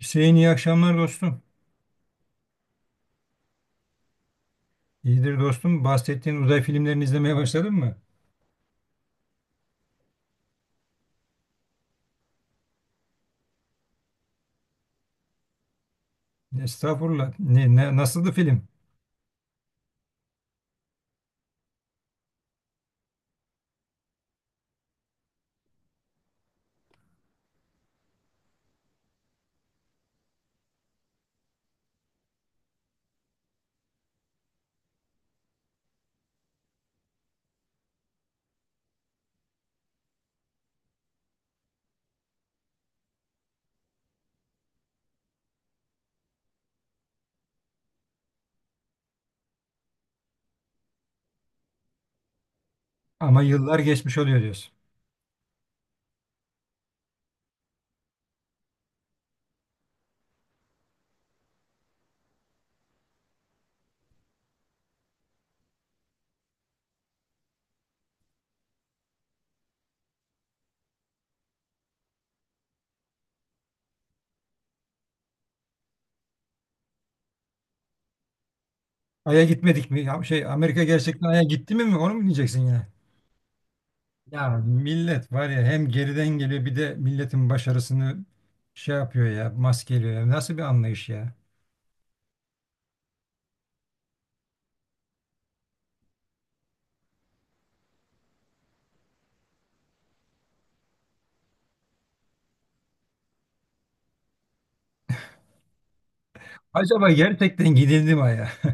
Hüseyin, iyi akşamlar dostum. İyidir dostum. Bahsettiğin uzay filmlerini izlemeye başladın mı? Estağfurullah. Nasıldı film? Ama yıllar geçmiş oluyor diyorsun. Ay'a gitmedik mi? Ya şey, Amerika gerçekten Ay'a gitti mi? Onu mu diyeceksin yine? Ya millet var ya, hem geriden geliyor, bir de milletin başarısını şey yapıyor ya, maskeliyor ya. Nasıl bir anlayış ya? Acaba gerçekten gidildi mi Ay'a?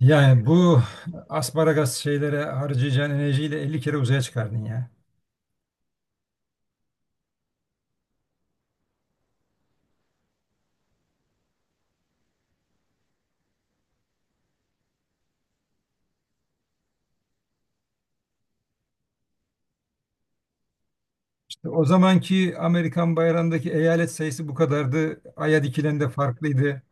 Yani bu asparagas şeylere harcayacağın enerjiyle 50 kere uzaya çıkardın ya. İşte o zamanki Amerikan bayrağındaki eyalet sayısı bu kadardı. Ay'a dikilen de farklıydı.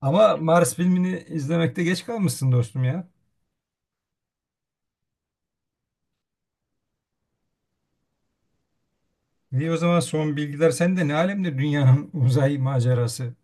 Ama Mars filmini izlemekte geç kalmışsın dostum ya. Niye o zaman son bilgiler sende? Ne alemde dünyanın uzay macerası?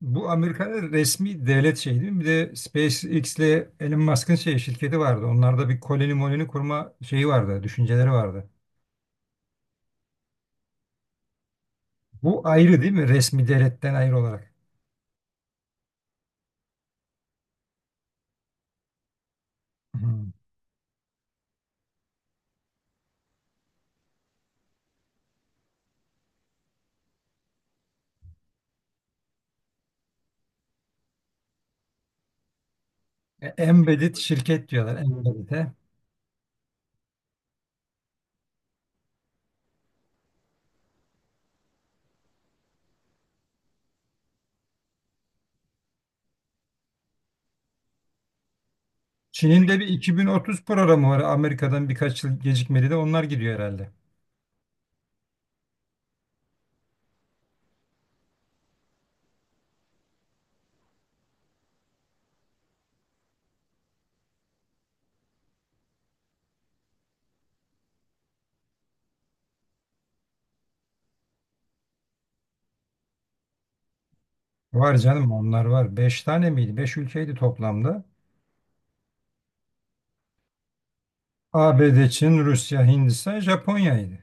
Bu Amerika'nın resmi devlet şeyi değil mi? Bir de SpaceX ile Elon Musk'ın şey, şirketi vardı. Onlarda bir koloni moloni kurma şeyi vardı, düşünceleri vardı. Bu ayrı değil mi? Resmi devletten ayrı olarak. Hı. Embedded şirket diyorlar. Embedded'e. Çin'in de bir 2030 programı var. Amerika'dan birkaç yıl gecikmeli de onlar gidiyor herhalde. Var canım, onlar var. 5 tane miydi? 5 ülkeydi toplamda. ABD, Çin, Rusya, Hindistan, Japonya'ydı.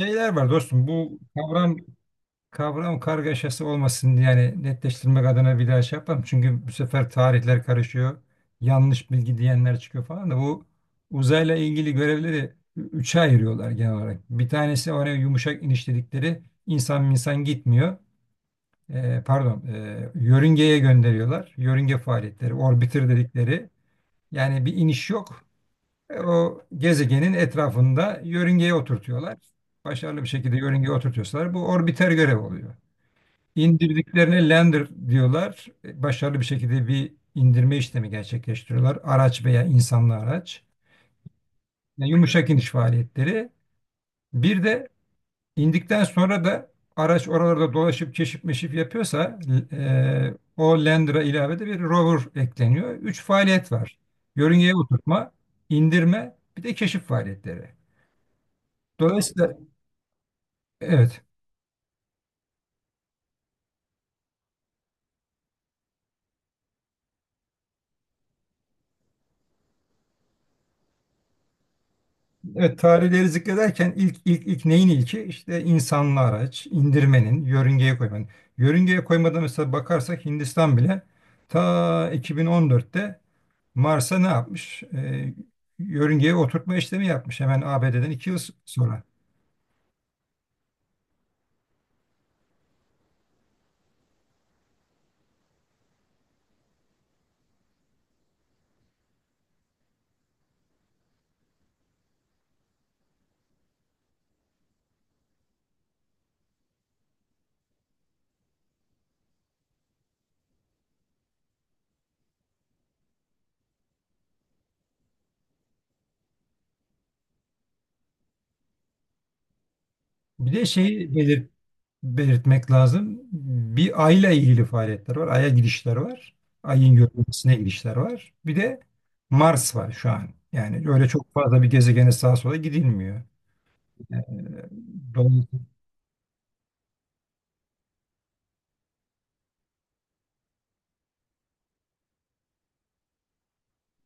Şeyler var dostum, bu kavram kargaşası olmasın diye yani, netleştirmek adına bir daha şey yapalım. Çünkü bu sefer tarihler karışıyor. Yanlış bilgi diyenler çıkıyor falan da bu uzayla ilgili görevleri üçe ayırıyorlar genel olarak. Bir tanesi, oraya yumuşak iniş dedikleri, insan minsan gitmiyor. Pardon, yörüngeye gönderiyorlar. Yörünge faaliyetleri, orbiter dedikleri. Yani bir iniş yok. E, o gezegenin etrafında yörüngeye oturtuyorlar. Başarılı bir şekilde yörüngeye oturtuyorsalar bu orbiter görev oluyor. İndirdiklerine lander diyorlar. E, başarılı bir şekilde bir indirme işlemi gerçekleştiriyorlar. Araç veya insanlı araç. Yani yumuşak iniş faaliyetleri. Bir de İndikten sonra da araç oralarda dolaşıp keşif meşif yapıyorsa o Lander'a ilave de bir rover ekleniyor. Üç faaliyet var. Yörüngeye oturtma, indirme, bir de keşif faaliyetleri. Dolayısıyla evet, evet, tarihleri zikrederken ilk neyin ilki? İşte insanlı araç, indirmenin, yörüngeye koymanın. Yörüngeye koymadan mesela bakarsak Hindistan bile ta 2014'te Mars'a ne yapmış? Yörüngeye oturtma işlemi yapmış hemen ABD'den 2 yıl sonra. Bir de şeyi belir- Belirtmek lazım. Bir Ay'la ilgili faaliyetler var. Ay'a gidişler var. Ay'ın görünmesine gidişler var. Bir de Mars var şu an. Yani öyle çok fazla bir gezegene sağa sola gidilmiyor. Ee, Dolayısıyla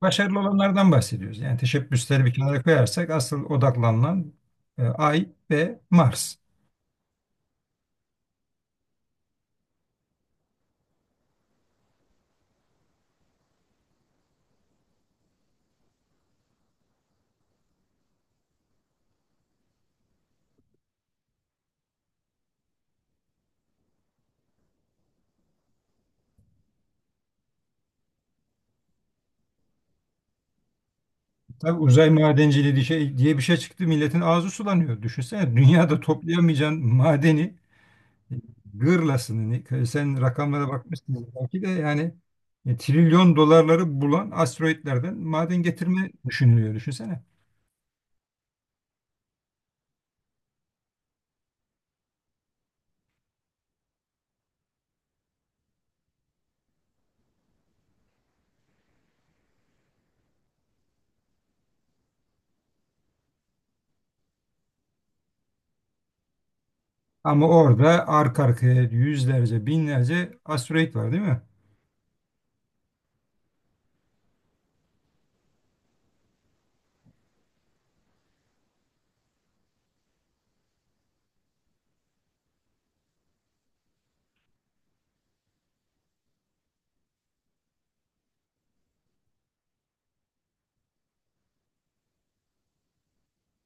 başarılı olanlardan bahsediyoruz. Yani teşebbüsleri bir kenara koyarsak asıl odaklanılan Ay ve Mars. Tabii uzay madenciliği diye bir şey çıktı. Milletin ağzı sulanıyor. Düşünsene, dünyada toplayamayacağın madeni gırlasını sen rakamlara bakmışsın belki de yani, trilyon dolarları bulan asteroitlerden maden getirme düşünülüyor, düşünsene. Ama orada arka arkaya yüzlerce binlerce asteroit var değil mi?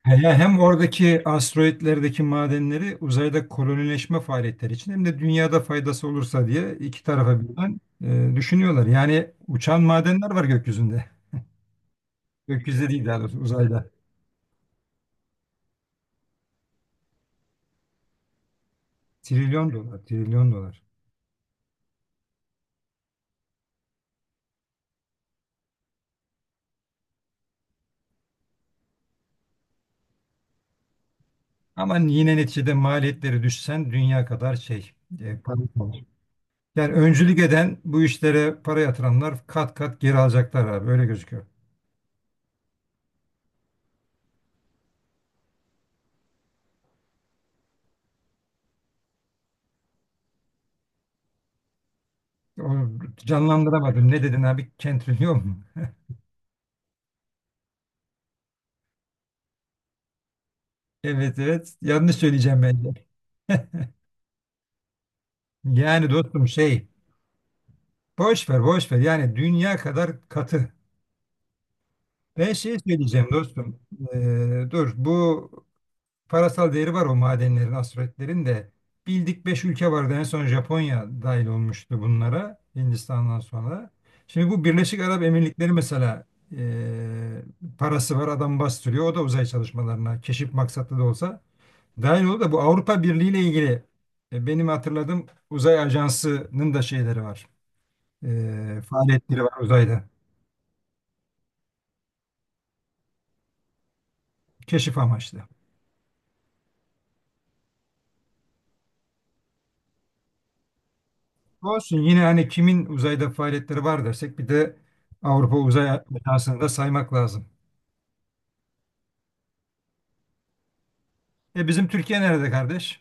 Hem oradaki asteroitlerdeki madenleri uzayda kolonileşme faaliyetleri için hem de dünyada faydası olursa diye iki tarafa birden düşünüyorlar. Yani uçan madenler var gökyüzünde. Gökyüzünde değil, daha doğrusu uzayda. Trilyon dolar, trilyon dolar. Ama yine neticede maliyetleri düşsen dünya kadar şey, para kalır. Yani öncülük eden, bu işlere para yatıranlar kat kat geri alacaklar abi, öyle gözüküyor. O, canlandıramadım. Ne dedin abi? Kentrilyon mu? Evet, evet. Yanlış söyleyeceğim bence. Yani dostum şey, boş ver boş ver, yani dünya kadar katı. Ben şey söyleyeceğim dostum. Dur, bu parasal değeri var o madenlerin, aspiratlerin de. Bildik 5 ülke vardı, en son Japonya dahil olmuştu bunlara, Hindistan'dan sonra. Şimdi bu Birleşik Arap Emirlikleri mesela, ee, parası var adam, bastırıyor. O da uzay çalışmalarına keşif maksatlı da olsa dahil oldu. Da bu Avrupa Birliği ile ilgili benim hatırladığım uzay ajansının da şeyleri var. Faaliyetleri var uzayda. Keşif amaçlı. Olsun, yine hani kimin uzayda faaliyetleri var dersek, bir de Avrupa Uzay Ajansı'nı da saymak lazım. E bizim Türkiye nerede kardeş?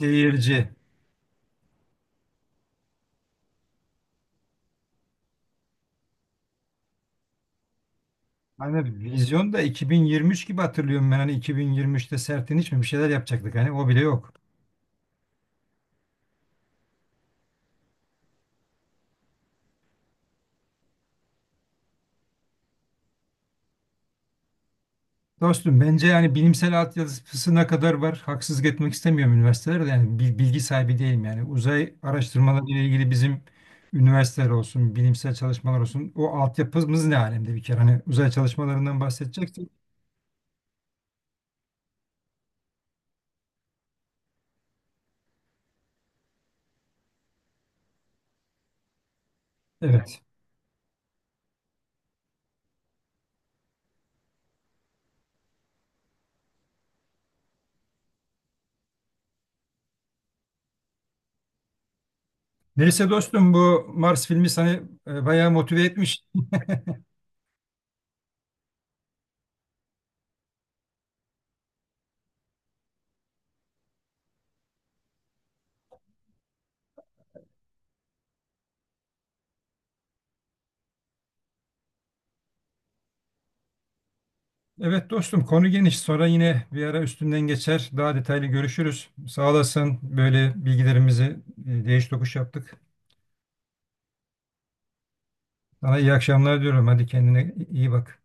Seyirci. Hani vizyon da 2023 gibi hatırlıyorum ben, hani 2023'te Sertin, hiç mi bir şeyler yapacaktık, hani o bile yok. Dostum bence yani bilimsel altyapısına kadar var. Haksızlık etmek istemiyorum üniversitelerde, yani bilgi sahibi değilim yani. Uzay araştırmaları ile ilgili bizim üniversiteler olsun, bilimsel çalışmalar olsun, o altyapımız ne alemde bir kere, hani uzay çalışmalarından bahsedeceksek. Evet. Neyse dostum, bu Mars filmi seni bayağı motive etmiş. Evet dostum, konu geniş. Sonra yine bir ara üstünden geçer. Daha detaylı görüşürüz. Sağ olasın, böyle bilgilerimizi değiş tokuş yaptık. Sana iyi akşamlar diyorum. Hadi, kendine iyi bak.